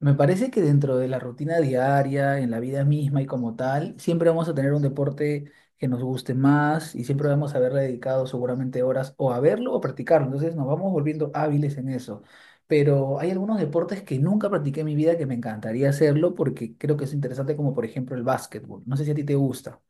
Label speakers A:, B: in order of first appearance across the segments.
A: Me parece que dentro de la rutina diaria, en la vida misma y como tal, siempre vamos a tener un deporte que nos guste más y siempre vamos a haberle dedicado seguramente horas o a verlo o practicarlo. Entonces nos vamos volviendo hábiles en eso. Pero hay algunos deportes que nunca practiqué en mi vida que me encantaría hacerlo porque creo que es interesante, como por ejemplo el básquetbol. No sé si a ti te gusta.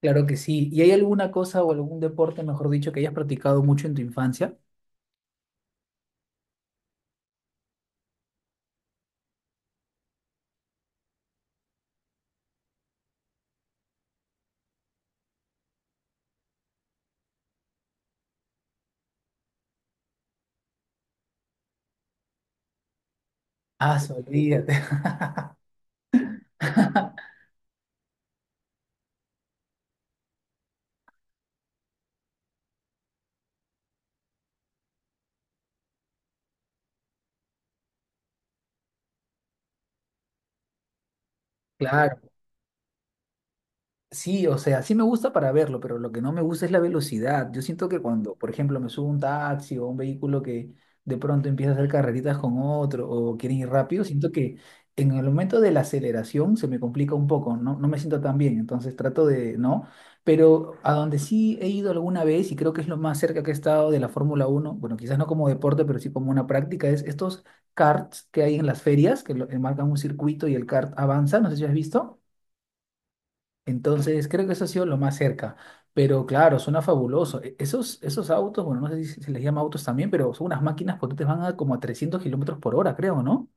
A: Claro que sí. ¿Y hay alguna cosa o algún deporte, mejor dicho, que hayas practicado mucho en tu infancia? Ah, olvídate. Claro. Sí, o sea, sí me gusta para verlo, pero lo que no me gusta es la velocidad. Yo siento que cuando, por ejemplo, me subo a un taxi o a un vehículo que de pronto empieza a hacer carreritas con otro o quieren ir rápido, siento que en el momento de la aceleración se me complica un poco, no, no me siento tan bien, entonces trato de, ¿no? Pero a donde sí he ido alguna vez y creo que es lo más cerca que he estado de la Fórmula uno, bueno, quizás no como deporte, pero sí como una práctica, es estos karts que hay en las ferias, que enmarcan un circuito y el kart avanza, no sé si has visto. Entonces, creo que eso ha sido lo más cerca. Pero claro, suena fabuloso. Esos, esos autos, bueno, no sé si se les llama autos también, pero son unas máquinas potentes, van a como a 300 kilómetros por hora, creo, ¿no?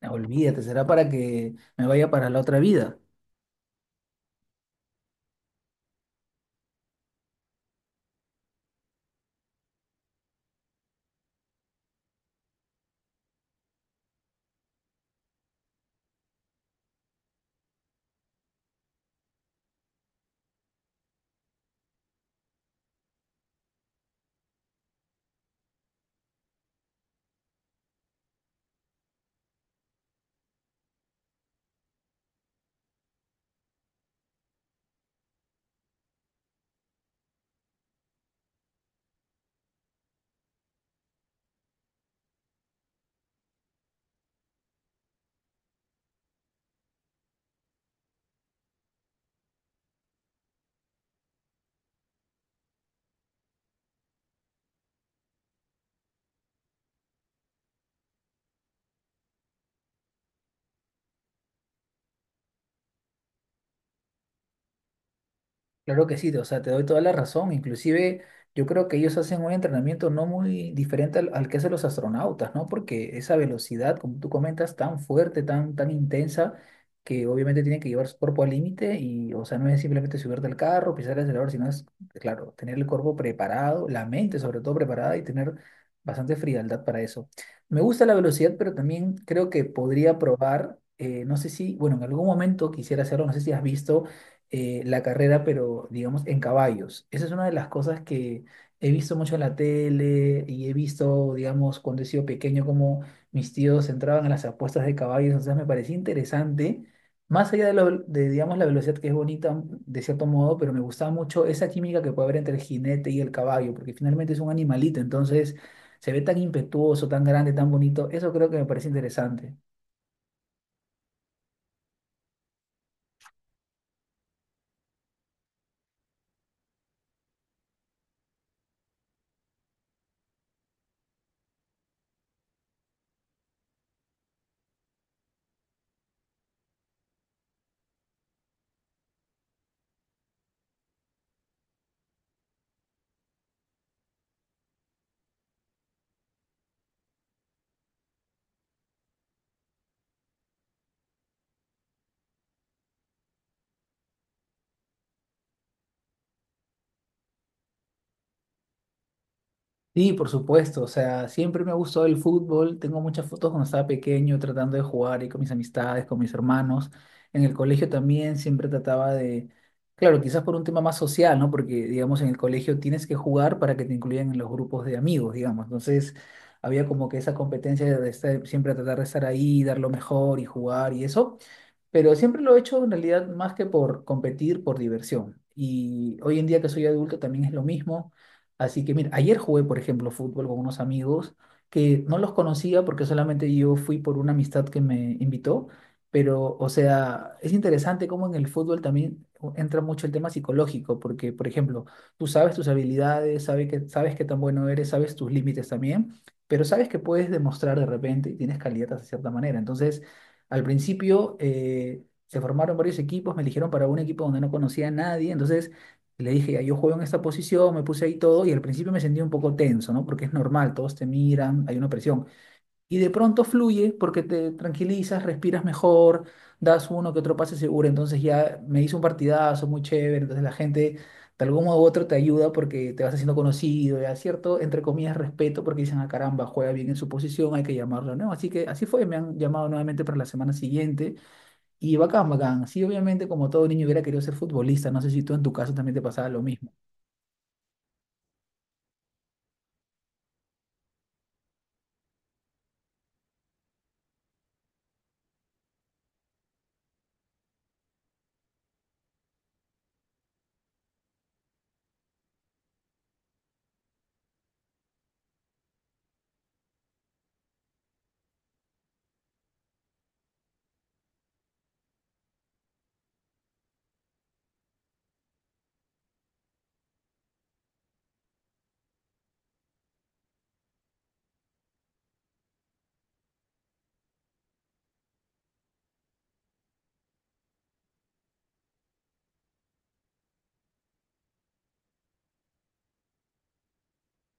A: Ah, olvídate, será para que me vaya para la otra vida. Claro que sí, o sea, te doy toda la razón. Inclusive yo creo que ellos hacen un entrenamiento no muy diferente al que hacen los astronautas, ¿no? Porque esa velocidad, como tú comentas, tan fuerte, tan intensa, que obviamente tienen que llevar su cuerpo al límite y, o sea, no es simplemente subirte al carro, pisar el acelerador, sino es, claro, tener el cuerpo preparado, la mente sobre todo preparada y tener bastante frialdad para eso. Me gusta la velocidad, pero también creo que podría probar, no sé si, bueno, en algún momento quisiera hacerlo, no sé si has visto la carrera, pero digamos en caballos. Esa es una de las cosas que he visto mucho en la tele y he visto, digamos, cuando he sido pequeño, como mis tíos entraban a las apuestas de caballos. Entonces me parecía interesante, más allá de, lo, de, digamos, la velocidad que es bonita de cierto modo, pero me gustaba mucho esa química que puede haber entre el jinete y el caballo, porque finalmente es un animalito, entonces se ve tan impetuoso, tan grande, tan bonito. Eso creo que me parece interesante. Sí, por supuesto, o sea, siempre me ha gustado el fútbol, tengo muchas fotos cuando estaba pequeño tratando de jugar y con mis amistades, con mis hermanos, en el colegio también siempre trataba de, claro, quizás por un tema más social, ¿no? Porque, digamos, en el colegio tienes que jugar para que te incluyan en los grupos de amigos, digamos, entonces había como que esa competencia de siempre tratar de estar ahí, dar lo mejor y jugar y eso. Pero siempre lo he hecho en realidad más que por competir, por diversión. Y hoy en día que soy adulto también es lo mismo. Así que mira, ayer jugué, por ejemplo, fútbol con unos amigos que no los conocía porque solamente yo fui por una amistad que me invitó. Pero, o sea, es interesante cómo en el fútbol también entra mucho el tema psicológico, porque, por ejemplo, tú sabes tus habilidades, sabes qué tan bueno eres, sabes tus límites también, pero sabes que puedes demostrar de repente y tienes calidad de cierta manera. Entonces, al principio se formaron varios equipos, me eligieron para un equipo donde no conocía a nadie, entonces le dije, "Ya, yo juego en esta posición", me puse ahí todo y al principio me sentí un poco tenso, ¿no? Porque es normal, todos te miran, hay una presión y de pronto fluye porque te tranquilizas, respiras mejor, das uno que otro pase seguro. Entonces ya me hizo un partidazo muy chévere. Entonces la gente de algún modo u otro te ayuda porque te vas haciendo conocido, ya cierto, entre comillas, respeto porque dicen, ah, caramba, juega bien en su posición, hay que llamarlo, ¿no? Así que así fue, me han llamado nuevamente para la semana siguiente y bacán, bacán. Sí, obviamente, como todo niño hubiera querido ser futbolista, no sé si tú en tu caso también te pasaba lo mismo.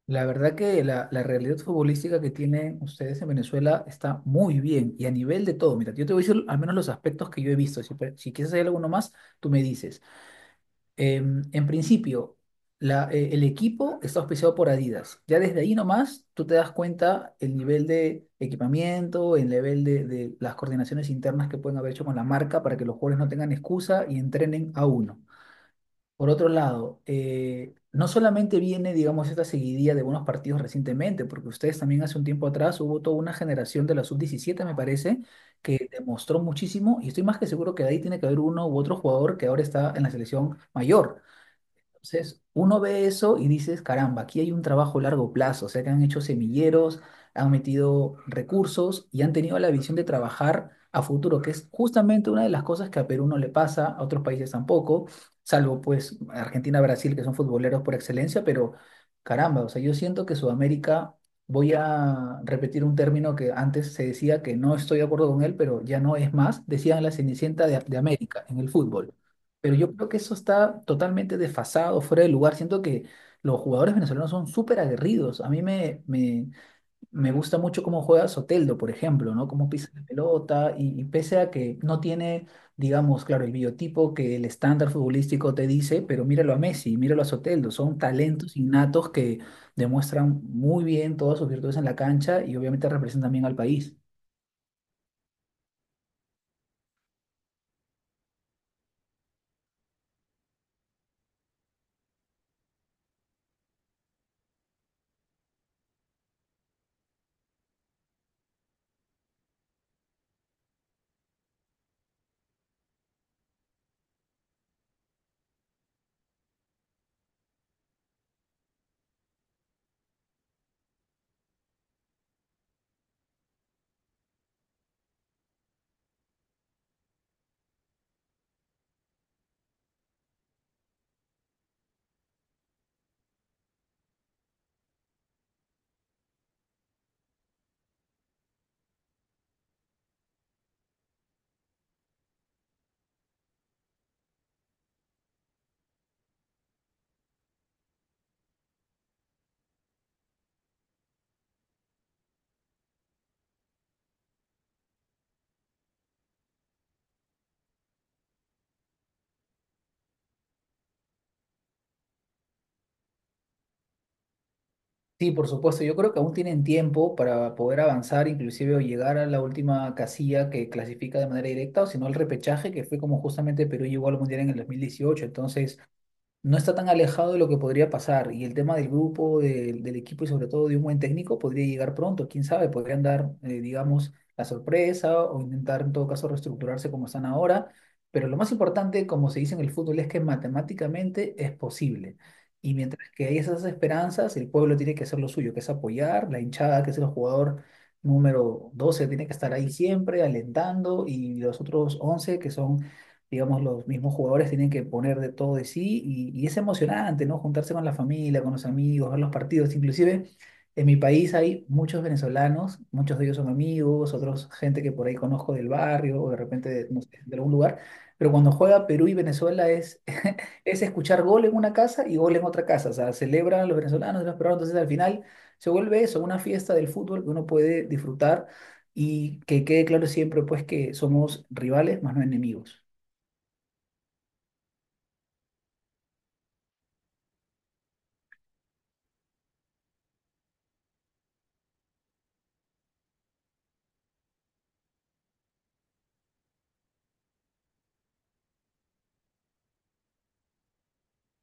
A: La verdad que la realidad futbolística que tienen ustedes en Venezuela está muy bien y a nivel de todo. Mira, yo te voy a decir al menos los aspectos que yo he visto. Si, si quieres hacer alguno más, tú me dices. Em, en principio, el equipo está auspiciado por Adidas. Ya desde ahí nomás tú te das cuenta el nivel de equipamiento, el nivel de las coordinaciones internas que pueden haber hecho con la marca para que los jugadores no tengan excusa y entrenen a uno. Por otro lado, no solamente viene, digamos, esta seguidilla de buenos partidos recientemente, porque ustedes también hace un tiempo atrás hubo toda una generación de la sub 17, me parece, que demostró muchísimo, y estoy más que seguro que de ahí tiene que haber uno u otro jugador que ahora está en la selección mayor. Entonces, uno ve eso y dices, caramba, aquí hay un trabajo a largo plazo, o sea que han hecho semilleros, han metido recursos y han tenido la visión de trabajar a futuro, que es justamente una de las cosas que a Perú no le pasa, a otros países tampoco, salvo pues Argentina, Brasil, que son futboleros por excelencia, pero caramba, o sea, yo siento que Sudamérica, voy a repetir un término que antes se decía que no estoy de acuerdo con él, pero ya no es más, decían la Cenicienta de América en el fútbol. Pero yo creo que eso está totalmente desfasado, fuera de lugar. Siento que los jugadores venezolanos son súper aguerridos. A mí me gusta mucho cómo juega Soteldo, por ejemplo, ¿no? Cómo pisa la pelota y pese a que no tiene, digamos, claro, el biotipo que el estándar futbolístico te dice, pero míralo a Messi, míralo a Soteldo. Son talentos innatos que demuestran muy bien todas sus virtudes en la cancha y obviamente representan bien al país. Sí, por supuesto. Yo creo que aún tienen tiempo para poder avanzar, inclusive o llegar a la última casilla que clasifica de manera directa, o si no al repechaje, que fue como justamente Perú llegó al Mundial en el 2018. Entonces, no está tan alejado de lo que podría pasar. Y el tema del grupo, del equipo y sobre todo de un buen técnico podría llegar pronto. Quién sabe, podrían dar, digamos, la sorpresa o intentar en todo caso reestructurarse como están ahora. Pero lo más importante, como se dice en el fútbol, es que matemáticamente es posible. Y mientras que hay esas esperanzas, el pueblo tiene que hacer lo suyo, que es apoyar, la hinchada, que es el jugador número 12 tiene que estar ahí siempre, alentando, y los otros 11 que son, digamos, los mismos jugadores tienen que poner de todo de sí y es emocionante, ¿no? Juntarse con la familia, con los amigos, ver los partidos. Inclusive en mi país hay muchos venezolanos, muchos de ellos son amigos, otros gente que por ahí conozco del barrio o de repente de, no sé, de algún lugar, pero cuando juega Perú y Venezuela es, es escuchar gol en una casa y gol en otra casa, o sea, celebran los venezolanos, y los peruanos, entonces al final se vuelve eso, una fiesta del fútbol que uno puede disfrutar. Y que quede claro siempre, pues, que somos rivales, más no enemigos.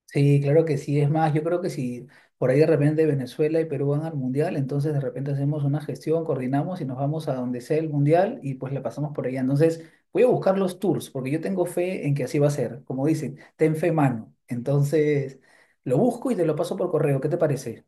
A: Sí, claro que sí. Es más, yo creo que si por ahí de repente Venezuela y Perú van al mundial, entonces de repente hacemos una gestión, coordinamos y nos vamos a donde sea el mundial y pues la pasamos por allá. Entonces voy a buscar los tours porque yo tengo fe en que así va a ser. Como dicen, ten fe, mano. Entonces lo busco y te lo paso por correo. ¿Qué te parece?